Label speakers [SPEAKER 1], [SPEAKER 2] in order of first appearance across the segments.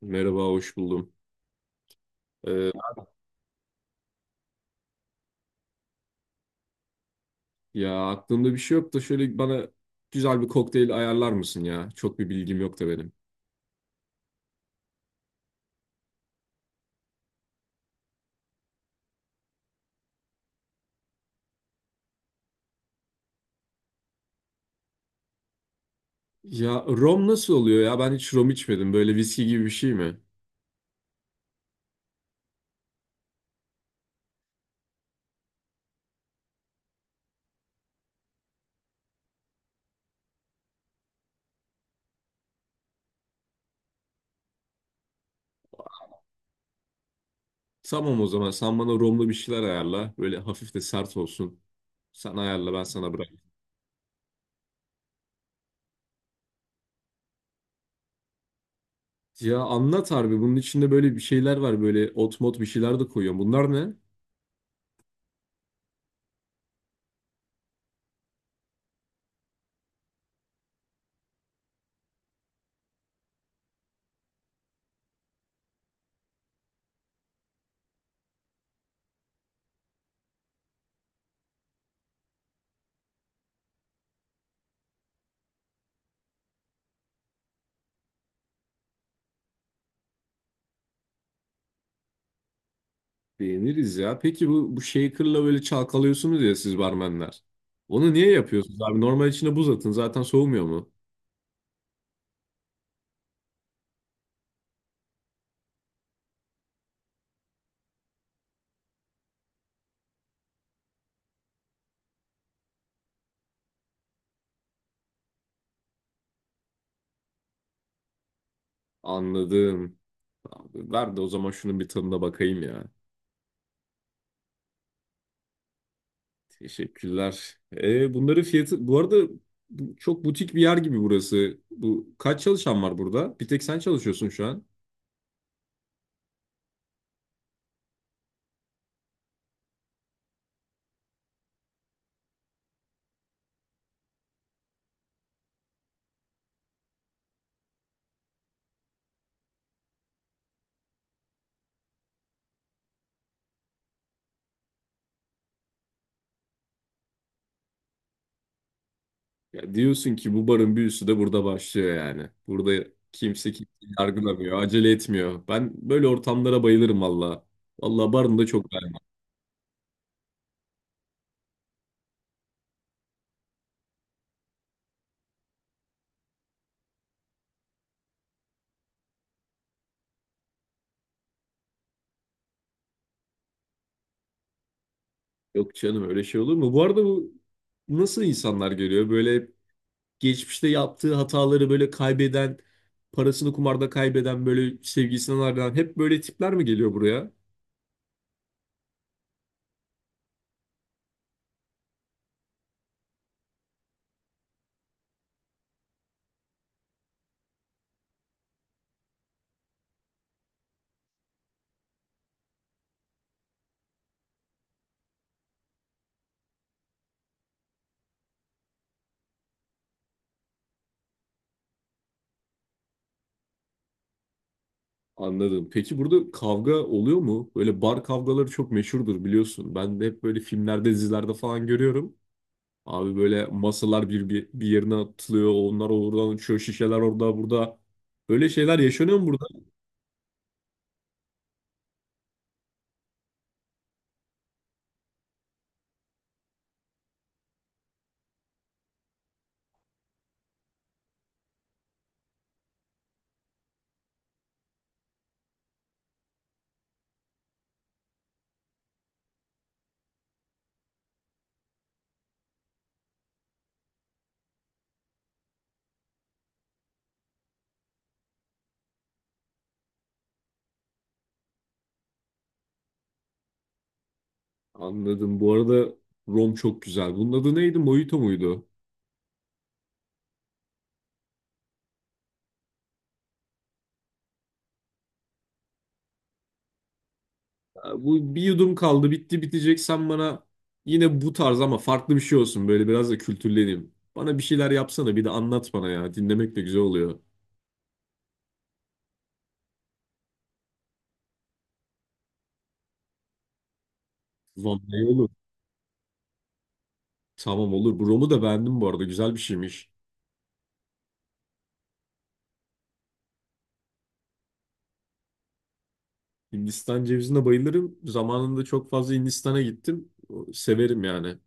[SPEAKER 1] Merhaba, hoş buldum. Ee, Ya aklımda bir şey yok da şöyle bana güzel bir kokteyl ayarlar mısın ya? Çok bir bilgim yok da benim. Ya rom nasıl oluyor ya? Ben hiç rom içmedim. Böyle viski gibi bir şey mi? Tamam o zaman sen bana romlu bir şeyler ayarla. Böyle hafif de sert olsun. Sen ayarla ben sana bırak. Ya anlat harbi bunun içinde böyle bir şeyler var. Böyle ot mot bir şeyler de koyuyorum. Bunlar ne? Beğeniriz ya. Peki bu shaker'la böyle çalkalıyorsunuz ya siz barmenler. Onu niye yapıyorsunuz abi? Normal içine buz atın. Zaten soğumuyor mu? Anladım. Abi, ver de o zaman şunun bir tadına bakayım ya. Teşekkürler. Bunların fiyatı... Bu arada bu çok butik bir yer gibi burası. Bu kaç çalışan var burada? Bir tek sen çalışıyorsun şu an. Ya diyorsun ki bu barın büyüsü de burada başlıyor yani. Burada kimse kimseyi yargılamıyor, acele etmiyor. Ben böyle ortamlara bayılırım valla. Valla barın da çok ben. Yok canım öyle şey olur mu? Bu arada bu nasıl insanlar geliyor? Böyle geçmişte yaptığı hataları böyle kaybeden, parasını kumarda kaybeden böyle sevgisinden ayrılan hep böyle tipler mi geliyor buraya? Anladım. Peki burada kavga oluyor mu? Böyle bar kavgaları çok meşhurdur biliyorsun. Ben de hep böyle filmlerde, dizilerde falan görüyorum. Abi böyle masalar bir yerine atılıyor, onlar oradan uçuyor, şişeler orada burada. Böyle şeyler yaşanıyor mu burada? Anladım. Bu arada rom çok güzel. Bunun adı neydi? Mojito muydu? Bu bir yudum kaldı bitti bitecek sen bana yine bu tarz ama farklı bir şey olsun böyle biraz da kültürleneyim. Bana bir şeyler yapsana bir de anlat bana ya dinlemek de güzel oluyor. Vallahi olur. Tamam olur. Bu romu da beğendim bu arada güzel bir şeymiş. Hindistan cevizine bayılırım. Zamanında çok fazla Hindistan'a gittim. Severim yani.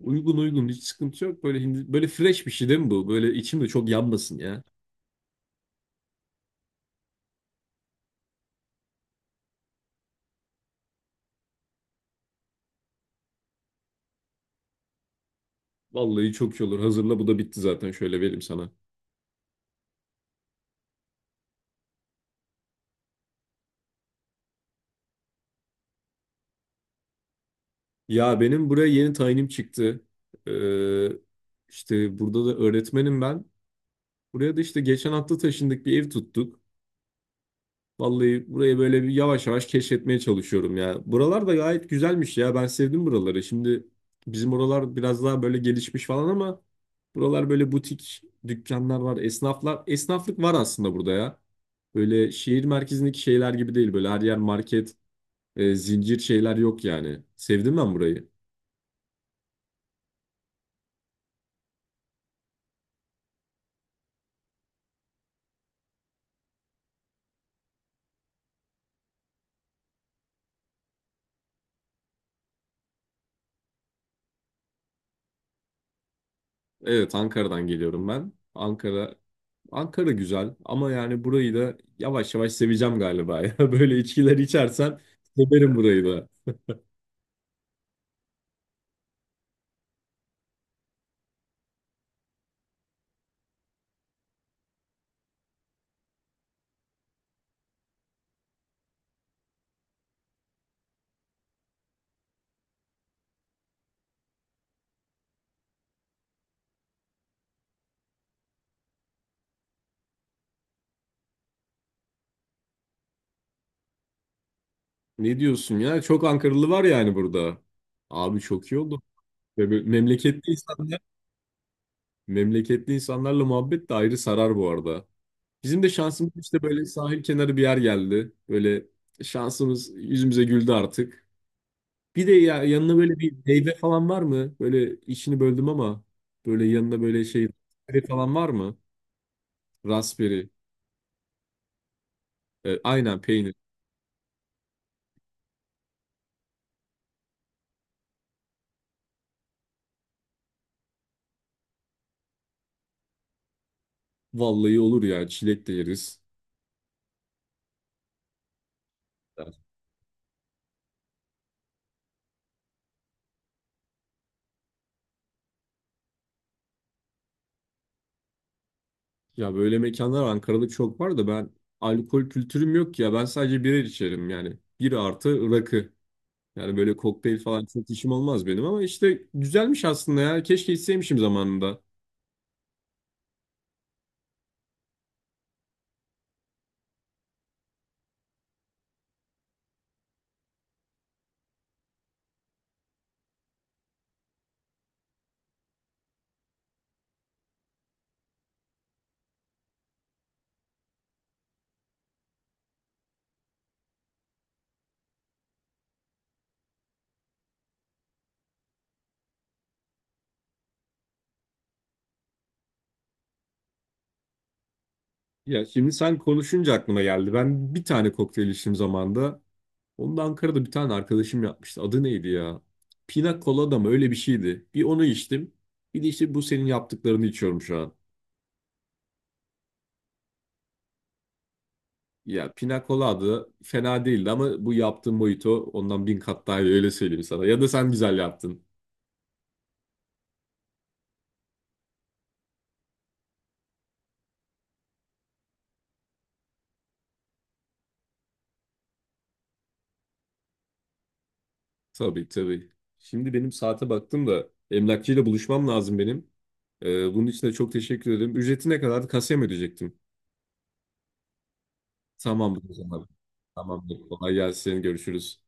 [SPEAKER 1] Uygun uygun hiç sıkıntı yok. Böyle böyle fresh bir şey değil mi bu? Böyle içim de çok yanmasın ya. Vallahi çok iyi olur. Hazırla bu da bitti zaten şöyle vereyim sana. Ya benim buraya yeni tayinim çıktı. Ee, işte burada da öğretmenim ben. Buraya da işte geçen hafta taşındık bir ev tuttuk. Vallahi burayı böyle bir yavaş yavaş keşfetmeye çalışıyorum ya. Buralar da gayet güzelmiş ya. Ben sevdim buraları. Şimdi bizim oralar biraz daha böyle gelişmiş falan ama buralar böyle butik dükkanlar var, esnaflar. Esnaflık var aslında burada ya. Böyle şehir merkezindeki şeyler gibi değil. Böyle her yer market, zincir şeyler yok yani. Sevdim ben burayı. Evet, Ankara'dan geliyorum ben. Ankara güzel ama yani burayı da yavaş yavaş seveceğim galiba ya. Böyle içkiler içersen severim burayı da. Ne diyorsun ya? Çok Ankaralı var yani burada. Abi çok iyi oldu. Ve böyle memleketli insanlarla muhabbet de ayrı sarar bu arada. Bizim de şansımız işte böyle sahil kenarı bir yer geldi. Böyle şansımız yüzümüze güldü artık. Bir de ya yanına böyle bir meyve falan var mı? Böyle işini böldüm ama böyle yanına böyle şey raspberry falan var mı? Raspberry. Aynen peynir. Vallahi olur ya çilek de yeriz. Ya böyle mekanlar Ankara'da çok var da ben alkol kültürüm yok ya. Ben sadece birer içerim yani. Bir artı rakı. Yani böyle kokteyl falan çok işim olmaz benim ama işte güzelmiş aslında ya. Keşke içseymişim zamanında. Ya şimdi sen konuşunca aklıma geldi. Ben bir tane kokteyl içtim zamanında. Onu da Ankara'da bir tane arkadaşım yapmıştı. Adı neydi ya? Pina Colada mı? Öyle bir şeydi. Bir onu içtim. Bir de işte bu senin yaptıklarını içiyorum şu an. Ya Pina Colada fena değildi ama bu yaptığın mojito ondan bin kat daha iyi öyle söyleyeyim sana. Ya da sen güzel yaptın. Tabii tabii. Şimdi benim saate baktım da emlakçıyla buluşmam lazım benim. Bunun için de çok teşekkür ederim. Ücreti ne kadardı? Kasaya mı ödeyecektim? Tamamdır o zaman. Tamamdır. Kolay gelsin. Görüşürüz.